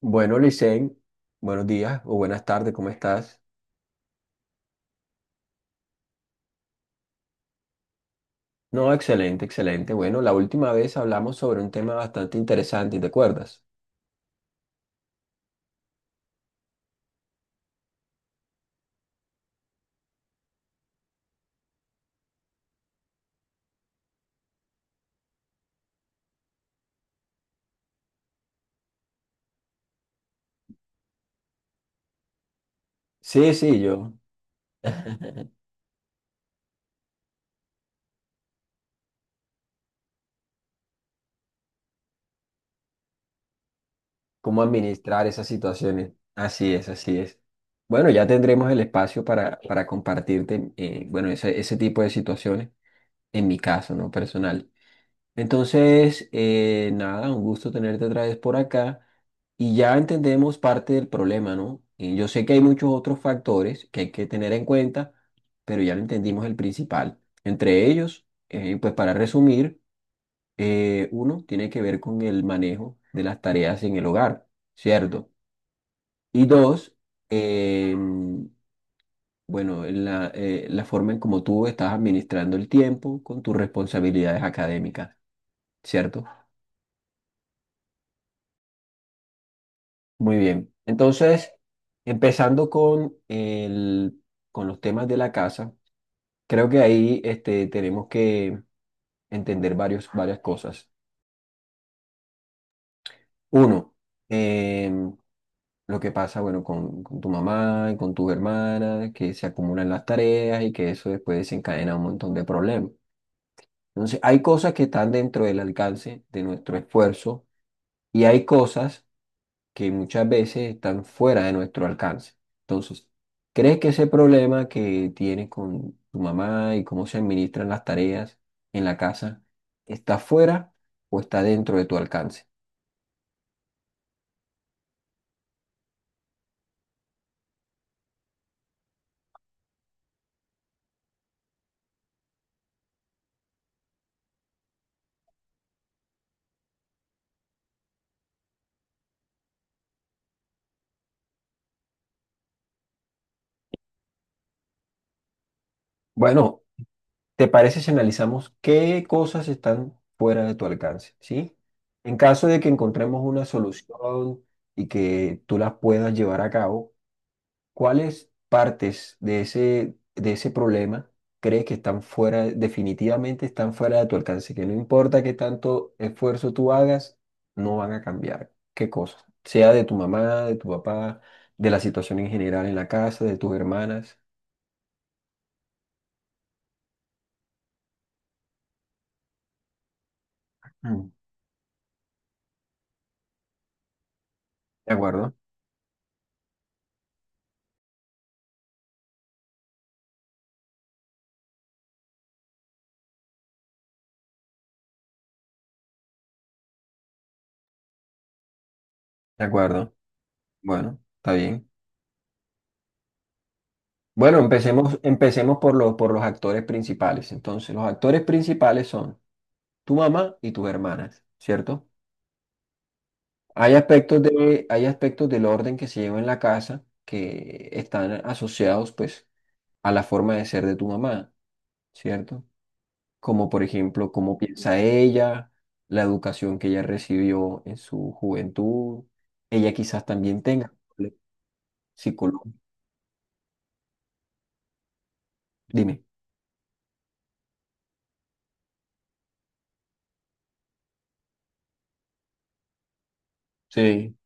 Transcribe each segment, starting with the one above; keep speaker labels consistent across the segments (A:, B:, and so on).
A: Bueno, Licen, buenos días o buenas tardes, ¿cómo estás? No, excelente, excelente. Bueno, la última vez hablamos sobre un tema bastante interesante, ¿te acuerdas? Sí, sí, yo, cómo administrar esas situaciones. Así es, así es. Bueno, ya tendremos el espacio para compartirte, bueno, ese tipo de situaciones, en mi caso, ¿no? Personal. Entonces, nada, un gusto tenerte otra vez por acá y ya entendemos parte del problema, ¿no? Y yo sé que hay muchos otros factores que hay que tener en cuenta, pero ya lo entendimos el principal. Entre ellos, pues para resumir, uno tiene que ver con el manejo de las tareas en el hogar, ¿cierto? Y dos, em, bueno, la forma en cómo tú estás administrando el tiempo con tus responsabilidades académicas, ¿cierto? Muy bien. Entonces, empezando con los temas de la casa, creo que ahí este, tenemos que entender varias cosas. Uno, em, lo que pasa, bueno, con tu mamá y con tus hermanas, que se acumulan las tareas y que eso después desencadena un montón de problemas. Entonces, hay cosas que están dentro del alcance de nuestro esfuerzo y hay cosas que muchas veces están fuera de nuestro alcance. Entonces, ¿crees que ese problema que tienes con tu mamá y cómo se administran las tareas en la casa está fuera o está dentro de tu alcance? Bueno, ¿te parece si analizamos qué cosas están fuera de tu alcance? ¿Sí? En caso de que encontremos una solución y que tú las puedas llevar a cabo, ¿cuáles partes de ese problema crees que están fuera, definitivamente están fuera de tu alcance? Que no importa qué tanto esfuerzo tú hagas, no van a cambiar. ¿Qué cosas? Sea de tu mamá, de tu papá, de la situación en general en la casa, de tus hermanas. Mm. De acuerdo, de acuerdo. Bueno, está bien. Bueno, empecemos por los actores principales. Entonces, los actores principales son tu mamá y tus hermanas, ¿cierto? Hay hay aspectos del orden que se lleva en la casa que están asociados pues a la forma de ser de tu mamá, ¿cierto? Como por ejemplo, cómo piensa ella, la educación que ella recibió en su juventud. Ella quizás también tenga psicólogo. Dime. Sí,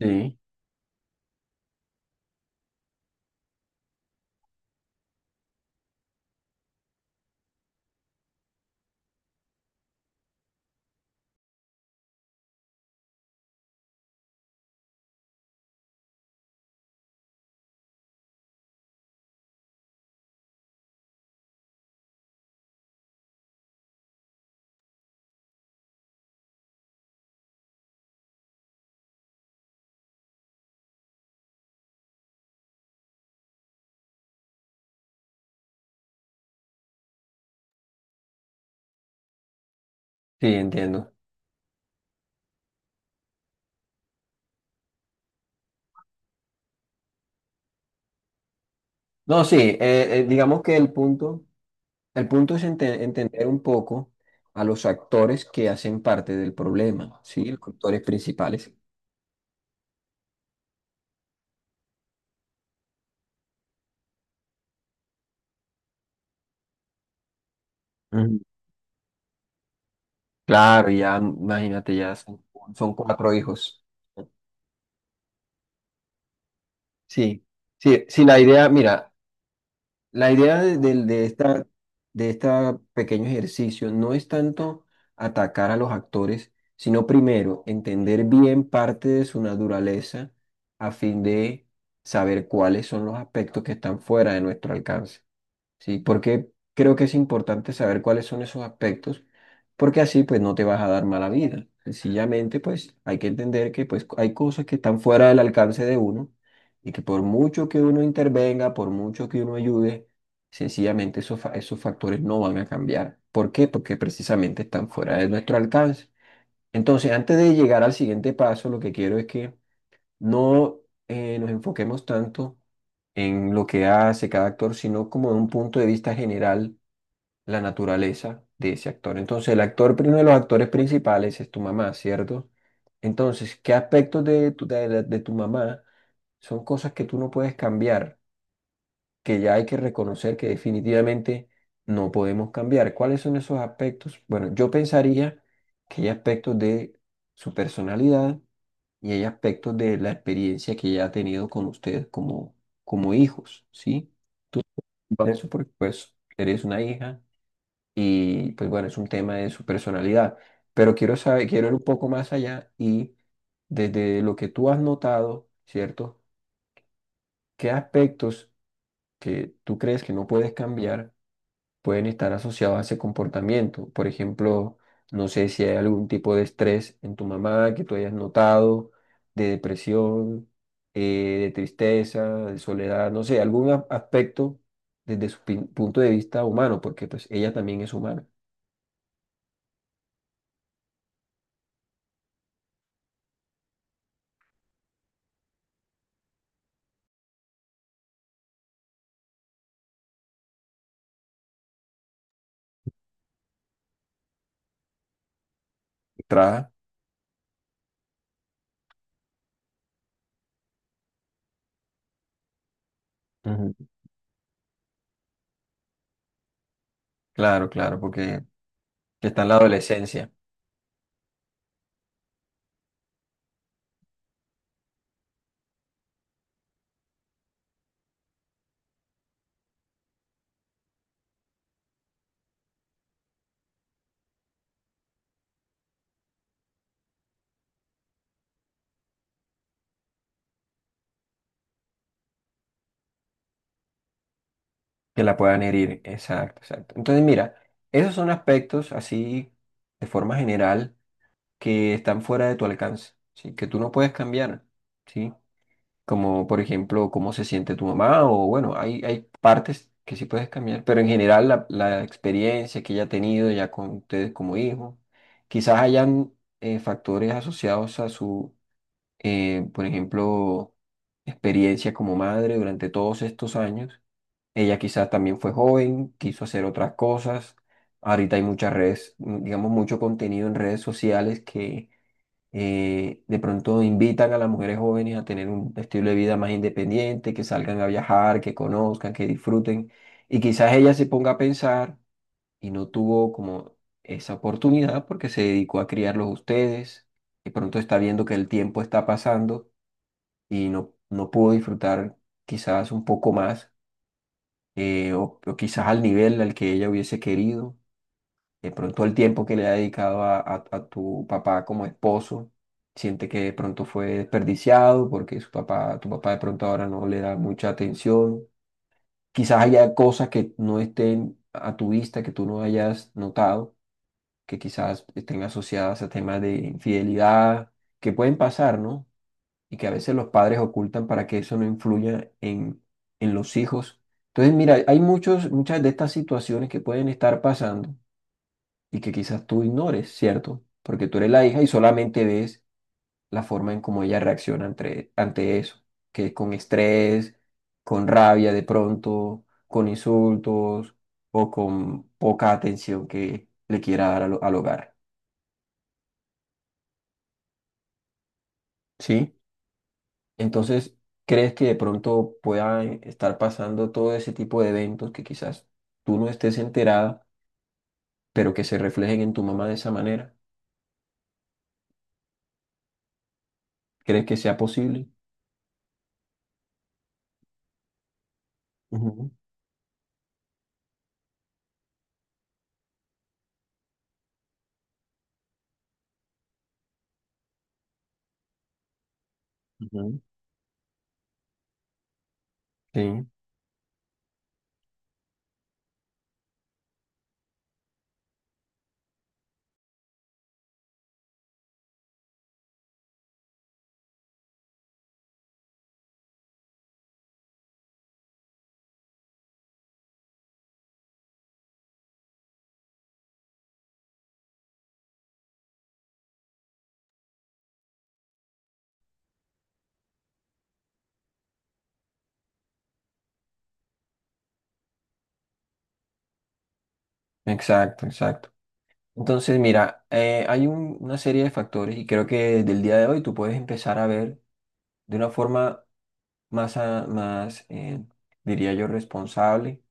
A: sí, sí, entiendo. No, sí, digamos que el punto es entender un poco a los actores que hacen parte del problema, ¿sí? Los actores principales. Ujú. Claro, ya, imagínate, son cuatro hijos. Sí, sí, sí, la idea, mira, la idea de, del- de esta, de este pequeño ejercicio no es tanto atacar a los actores, sino primero entender bien parte de su naturaleza a fin de saber cuáles son los aspectos que están fuera de nuestro alcance. Sí, porque creo que es importante saber cuáles son esos aspectos, porque así pues no te vas a dar mala vida. Sencillamente pues hay que entender que pues hay cosas que están fuera del alcance de uno y que por mucho que uno intervenga, por mucho que uno ayude, sencillamente esos factores no van a cambiar. ¿Por qué? Porque precisamente están fuera de nuestro alcance. Entonces, antes de llegar al siguiente paso, lo que quiero es que no nos enfoquemos tanto en lo que hace cada actor, sino como de un punto de vista general, la naturaleza de ese actor. Entonces, uno de los actores principales es tu mamá, ¿cierto? Entonces, ¿qué aspectos de tu mamá son cosas que tú no puedes cambiar, que ya hay que reconocer que definitivamente no podemos cambiar? ¿Cuáles son esos aspectos? Bueno, yo pensaría que hay aspectos de su personalidad, y hay aspectos de la experiencia que ella ha tenido con ustedes como hijos, ¿sí? Tú por eso porque pues eres una hija y pues bueno, es un tema de su personalidad, pero quiero saber, quiero ir un poco más allá y desde lo que tú has notado, ¿cierto? ¿Qué aspectos que tú crees que no puedes cambiar pueden estar asociados a ese comportamiento? Por ejemplo, no sé si hay algún tipo de estrés en tu mamá que tú hayas notado, de depresión, de tristeza, de soledad, no sé, aspecto desde su punto de vista humano, porque pues ella también es humana. Tra- Ujú. Claro, claro, porque está en la adolescencia, que la puedan herir. Exacto, exacto. Entonces, mira, esos son aspectos así de forma general que están fuera de tu alcance, ¿sí? Que tú no puedes cambiar, ¿sí? Como por ejemplo, cómo se siente tu mamá o bueno, hay partes que sí puedes cambiar, pero en general la experiencia que ella ha tenido ya con ustedes como hijos, quizás hayan factores asociados a su, por ejemplo, experiencia como madre durante todos estos años. Ella quizás también fue joven, quiso hacer otras cosas. Ahorita hay muchas redes, digamos, mucho contenido en redes sociales que de pronto invitan a las mujeres jóvenes a tener un estilo de vida más independiente, que salgan a viajar, que conozcan, que disfruten. Y quizás ella se ponga a pensar y no tuvo como esa oportunidad porque se dedicó a criarlos a ustedes. De pronto está viendo que el tiempo está pasando y no, no pudo disfrutar quizás un poco más o o quizás al nivel al que ella hubiese querido de pronto el tiempo que le ha dedicado a tu papá como esposo, siente que de pronto fue desperdiciado porque su papá, tu papá de pronto ahora no le da mucha atención. Quizás haya cosas que no estén a tu vista, que tú no hayas notado, que quizás estén asociadas a temas de infidelidad, que pueden pasar, ¿no? Y que a veces los padres ocultan para que eso no influya en los hijos. Entonces, mira, muchas de estas situaciones que pueden estar pasando y que quizás tú ignores, ¿cierto? Porque tú eres la hija y solamente ves la forma en cómo ella reacciona ante eso, que es con estrés, con rabia de pronto, con insultos o con poca atención que le quiera dar al hogar, ¿sí? Entonces, ¿crees que de pronto puedan estar pasando todo ese tipo de eventos que quizás tú no estés enterada, pero que se reflejen en tu mamá de esa manera? ¿Crees que sea posible? Ujú, Ujú. Sí. Exacto, exacto. Entonces, mira, hay una serie de factores y creo que del día de hoy tú puedes empezar a ver de una forma más diría yo, responsable,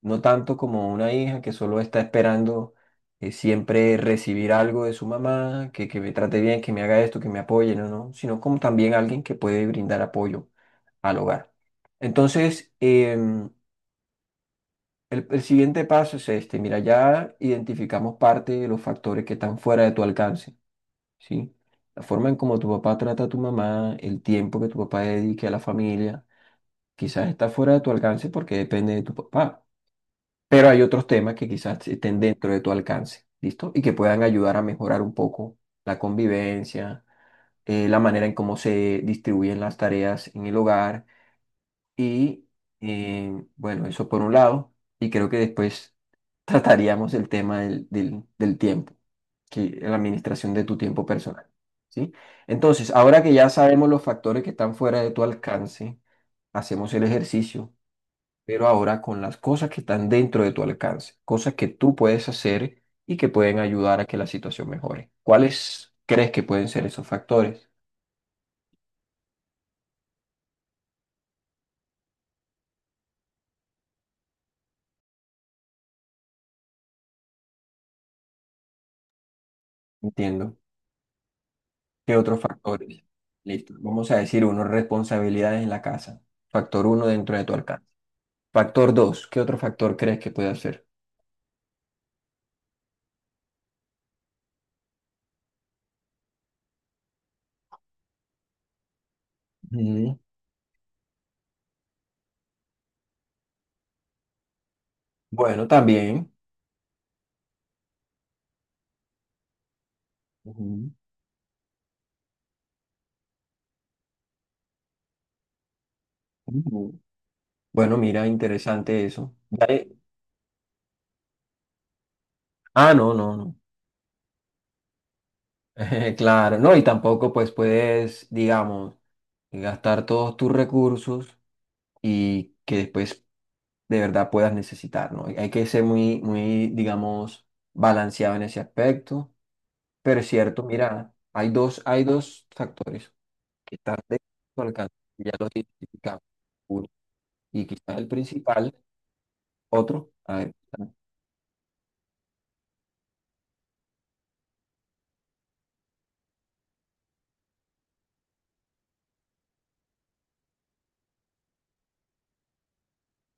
A: no tanto como una hija que solo está esperando siempre recibir algo de su mamá, que me trate bien, que me haga esto, que me apoye, no, no, sino como también alguien que puede brindar apoyo al hogar. Entonces, el siguiente paso es este. Mira, ya identificamos parte de los factores que están fuera de tu alcance, ¿sí? La forma en cómo tu papá trata a tu mamá, el tiempo que tu papá dedique a la familia, quizás está fuera de tu alcance porque depende de tu papá. Pero hay otros temas que quizás estén dentro de tu alcance, ¿listo? Y que puedan ayudar a mejorar un poco la convivencia, la manera en cómo se distribuyen las tareas en el hogar y, bueno, eso por un lado. Y creo que después trataríamos el tema del tiempo, que la administración de tu tiempo personal, ¿sí? Entonces, ahora que ya sabemos los factores que están fuera de tu alcance, hacemos el ejercicio, pero ahora con las cosas que están dentro de tu alcance, cosas que tú puedes hacer y que pueden ayudar a que la situación mejore. ¿Cuáles crees que pueden ser esos factores? Entiendo. ¿Qué otros factores? Listo. Vamos a decir uno, responsabilidades en la casa. Factor uno dentro de tu alcance. Factor dos, ¿qué otro factor crees que puede ser? Ujú. Bueno, también. Ujú, ujú. Bueno, mira, interesante eso. Ah, no, no, no. Claro, no, y tampoco pues puedes, digamos, gastar todos tus recursos y que después de verdad puedas necesitar, ¿no? Hay que ser muy, muy, digamos, balanceado en ese aspecto. Pero es cierto, mira, hay dos factores que están de tu alcance, ya los identificamos. Uno, y quizás el principal, otro, a ver.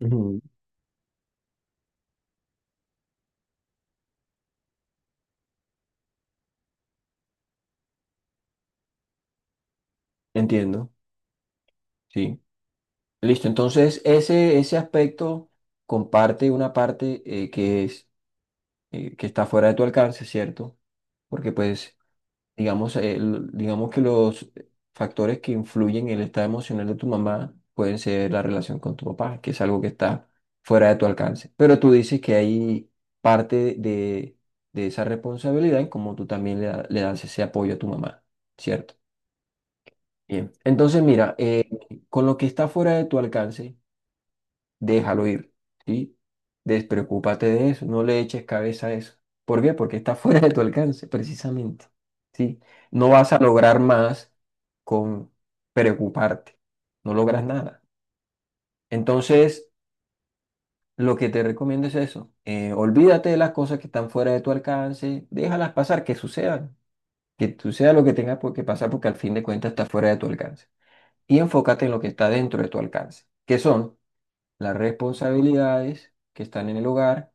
A: Ujú. Entiendo, sí. Listo, entonces ese aspecto comparte una parte que está fuera de tu alcance, ¿cierto? Porque pues, digamos, digamos que los factores que influyen en el estado emocional de tu mamá pueden ser la relación con tu papá, que es algo que está fuera de tu alcance. Pero tú dices que hay parte de esa responsabilidad en cómo tú también le, le das ese apoyo a tu mamá, ¿cierto? Bien, entonces mira, con lo que está fuera de tu alcance, déjalo ir, ¿sí? Despreocúpate de eso, no le eches cabeza a eso. ¿Por qué? Porque está fuera de tu alcance, precisamente, ¿sí? No vas a lograr más con preocuparte, no logras nada. Entonces, lo que te recomiendo es eso, olvídate de las cosas que están fuera de tu alcance, déjalas pasar, que sucedan, que suceda lo que tenga que pasar, porque al fin de cuentas está fuera de tu alcance. Y enfócate en lo que está dentro de tu alcance, que son las responsabilidades que están en el hogar,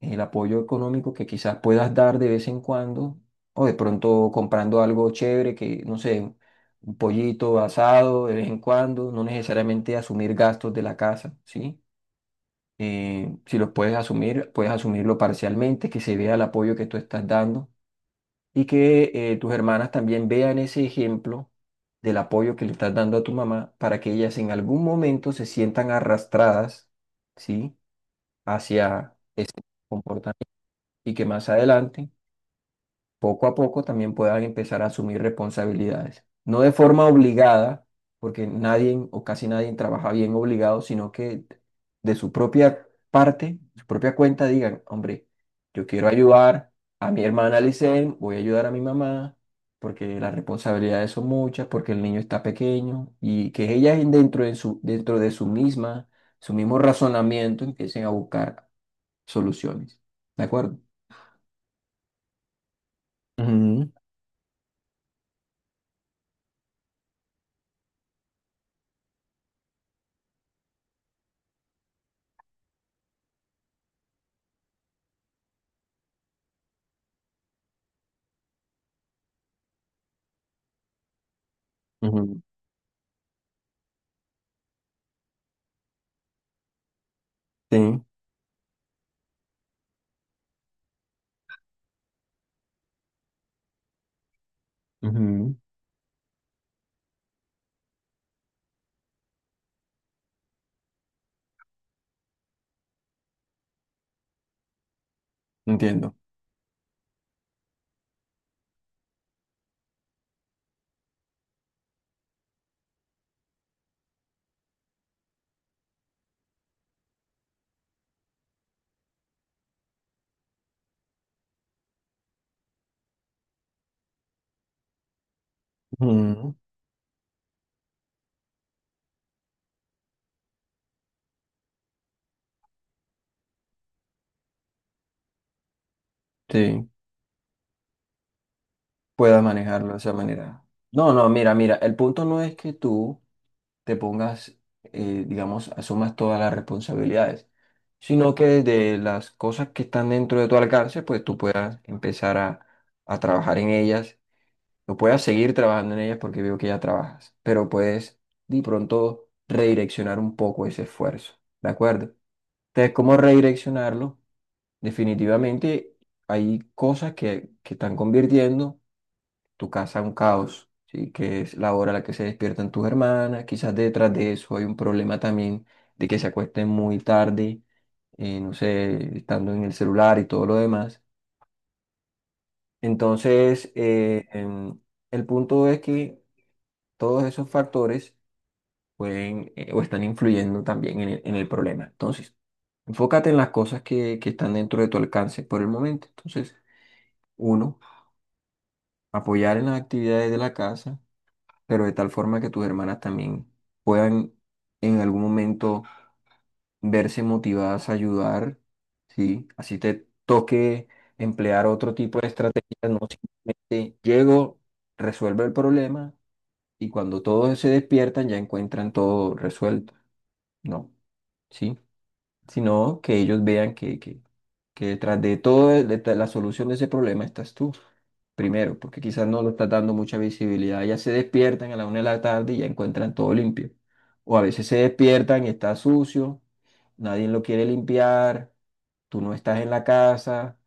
A: el apoyo económico que quizás puedas dar de vez en cuando, o de pronto comprando algo chévere que, no sé, un pollito asado de vez en cuando, no necesariamente asumir gastos de la casa, ¿sí? Si los puedes asumir, puedes asumirlo parcialmente, que se vea el apoyo que tú estás dando y que tus hermanas también vean ese ejemplo del apoyo que le estás dando a tu mamá para que ellas en algún momento se sientan arrastradas, ¿sí? Hacia ese comportamiento, y que más adelante poco a poco también puedas empezar a asumir responsabilidades. No de forma obligada, porque nadie o casi nadie trabaja bien obligado, sino que de su propia parte, su propia cuenta, digan, hombre, yo quiero ayudar a mi hermana Licen, voy a ayudar a mi mamá, porque las responsabilidades son muchas, porque el niño está pequeño, y que ellas dentro de dentro de su misma, su mismo razonamiento empiecen a buscar soluciones. ¿De acuerdo? Ujú, ujú. Sí. Ujú, Entiendo. Ujú, Sí, puedas manejarlo de esa manera. No, no, mira, mira, el punto no es que tú te pongas, digamos, asumas todas las responsabilidades, sino que de las cosas que están dentro de tu alcance, pues tú puedas empezar a trabajar en ellas, o puedas seguir trabajando en ellas porque veo que ya trabajas, pero puedes de pronto redireccionar un poco ese esfuerzo, ¿de acuerdo? Entonces, ¿cómo redireccionarlo? Definitivamente hay cosas que están convirtiendo tu casa en un caos, ¿sí? Que es la hora a la que se despiertan tus hermanas, quizás detrás de eso hay un problema también de que se acuesten muy tarde, no sé, estando en el celular y todo lo demás. Entonces, el punto es que todos esos factores pueden o están influyendo también en en el problema. Entonces, enfócate en las cosas que están dentro de tu alcance por el momento. Entonces, uno. Apoyar en las actividades de la casa, pero de tal forma que tus hermanas también puedan en algún momento verse motivadas a ayudar, ¿sí? Así te toque emplear otro tipo de estrategias, no. Si te llego, resuelve el problema y cuando todos se despiertan ya encuentran todo resuelto, ¿no? ¿Sí? Sino que ellos vean que detrás de todo, detrás de la solución de ese problema estás tú, primero, porque quizás no lo estás dando mucha visibilidad. Ya se despiertan a la una de la tarde y ya encuentran todo limpio. O a veces se despiertan y está sucio, nadie lo quiere limpiar, tú no estás en la casa,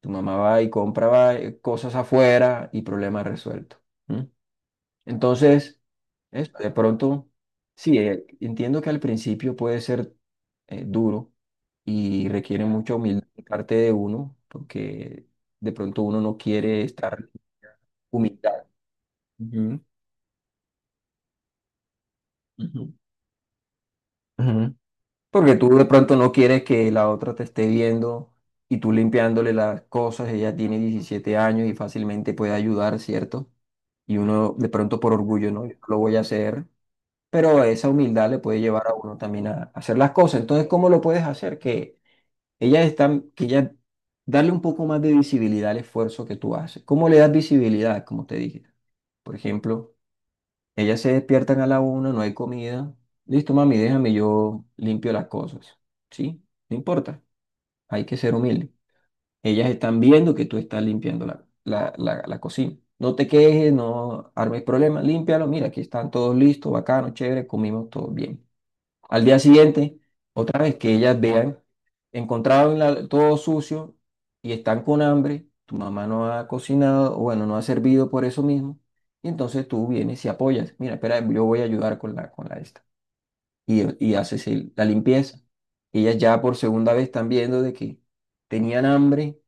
A: tu mamá va y compra cosas afuera y problema resuelto. ¿Mm? Entonces, de pronto, sí, entiendo que al principio puede ser duro y requiere mucha humildad de parte de uno, porque de pronto uno no quiere estar humildad. Ujú, ujú, ujú. Porque tú de pronto no quieres que la otra te esté viendo y tú limpiándole las cosas, ella tiene 17 años y fácilmente puede ayudar, ¿cierto? Y uno de pronto por orgullo, no, yo no lo voy a hacer. Pero esa humildad le puede llevar a uno también a hacer las cosas. Entonces, ¿cómo lo puedes hacer? Que ella darle un poco más de visibilidad al esfuerzo que tú haces. ¿Cómo le das visibilidad? Como te dije. Por ejemplo, ellas se despiertan a la una, no hay comida. Listo, mami, déjame, yo limpio las cosas. ¿Sí? No importa. Hay que ser humilde. Ellas están viendo que tú estás limpiando la cocina. No te quejes, no armes problemas, límpialo. Mira, aquí están todos listos, bacano, chévere, comimos todos bien. Al día siguiente, otra vez que ellas vean, encontraron todo sucio y están con hambre, tu mamá no ha cocinado, o bueno, no ha servido por eso mismo, y entonces tú vienes y apoyas, mira, espera, yo voy a ayudar con con la esta, y, y haces la limpieza. Ellas ya por segunda vez están viendo de que tenían hambre.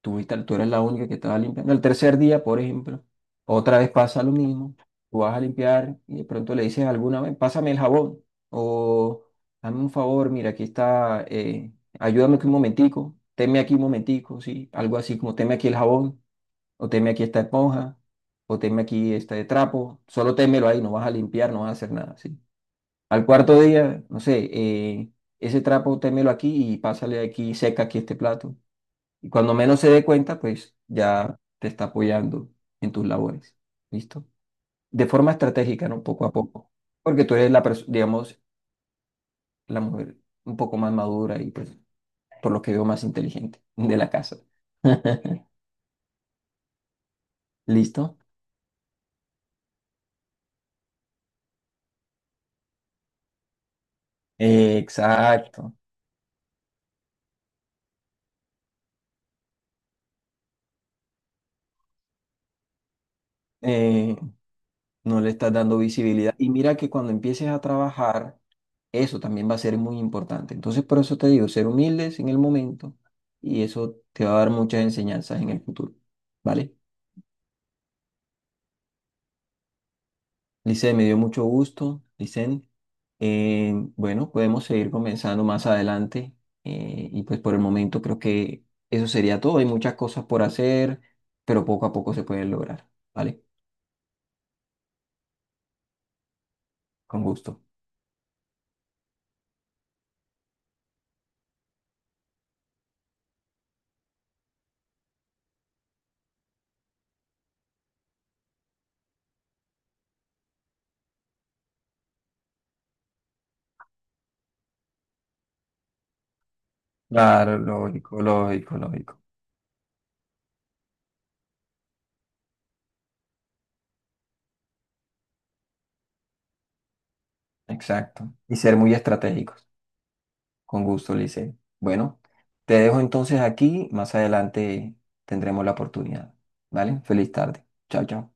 A: Tú, tú eres la única que estaba limpiando. El tercer día, por ejemplo, otra vez pasa lo mismo. Tú vas a limpiar y de pronto le dices alguna vez, pásame el jabón o dame un favor, mira, aquí está, ayúdame aquí un momentico, teme aquí un momentico, sí, algo así como teme aquí el jabón o teme aquí esta esponja o teme aquí este trapo, solo témelo ahí, no vas a limpiar, no vas a hacer nada, sí. Al cuarto día, no sé, ese trapo témelo aquí y pásale aquí, seca aquí este plato. Y cuando menos se dé cuenta, pues ya te está apoyando en tus labores. ¿Listo? De forma estratégica, ¿no? Poco a poco. Porque tú eres la persona, digamos, la mujer un poco más madura y pues por lo que veo más inteligente de la casa. ¿Listo? Exacto. Eh, no le estás dando visibilidad. Y mira que cuando empieces a trabajar, eso también va a ser muy importante. Entonces, por eso te digo, ser humildes en el momento y eso te va a dar muchas enseñanzas en el futuro. ¿Vale? Lice, me dio mucho gusto, Licen. Bueno, podemos seguir comenzando más adelante y pues por el momento creo que eso sería todo. Hay muchas cosas por hacer, pero poco a poco se pueden lograr, ¿vale? Con gusto. Claro, lógico, lógico, lógico. Exacto. Y ser muy estratégicos. Con gusto, Licen. Bueno, te dejo entonces aquí. Más adelante tendremos la oportunidad, ¿vale? Feliz tarde. Chao, chao.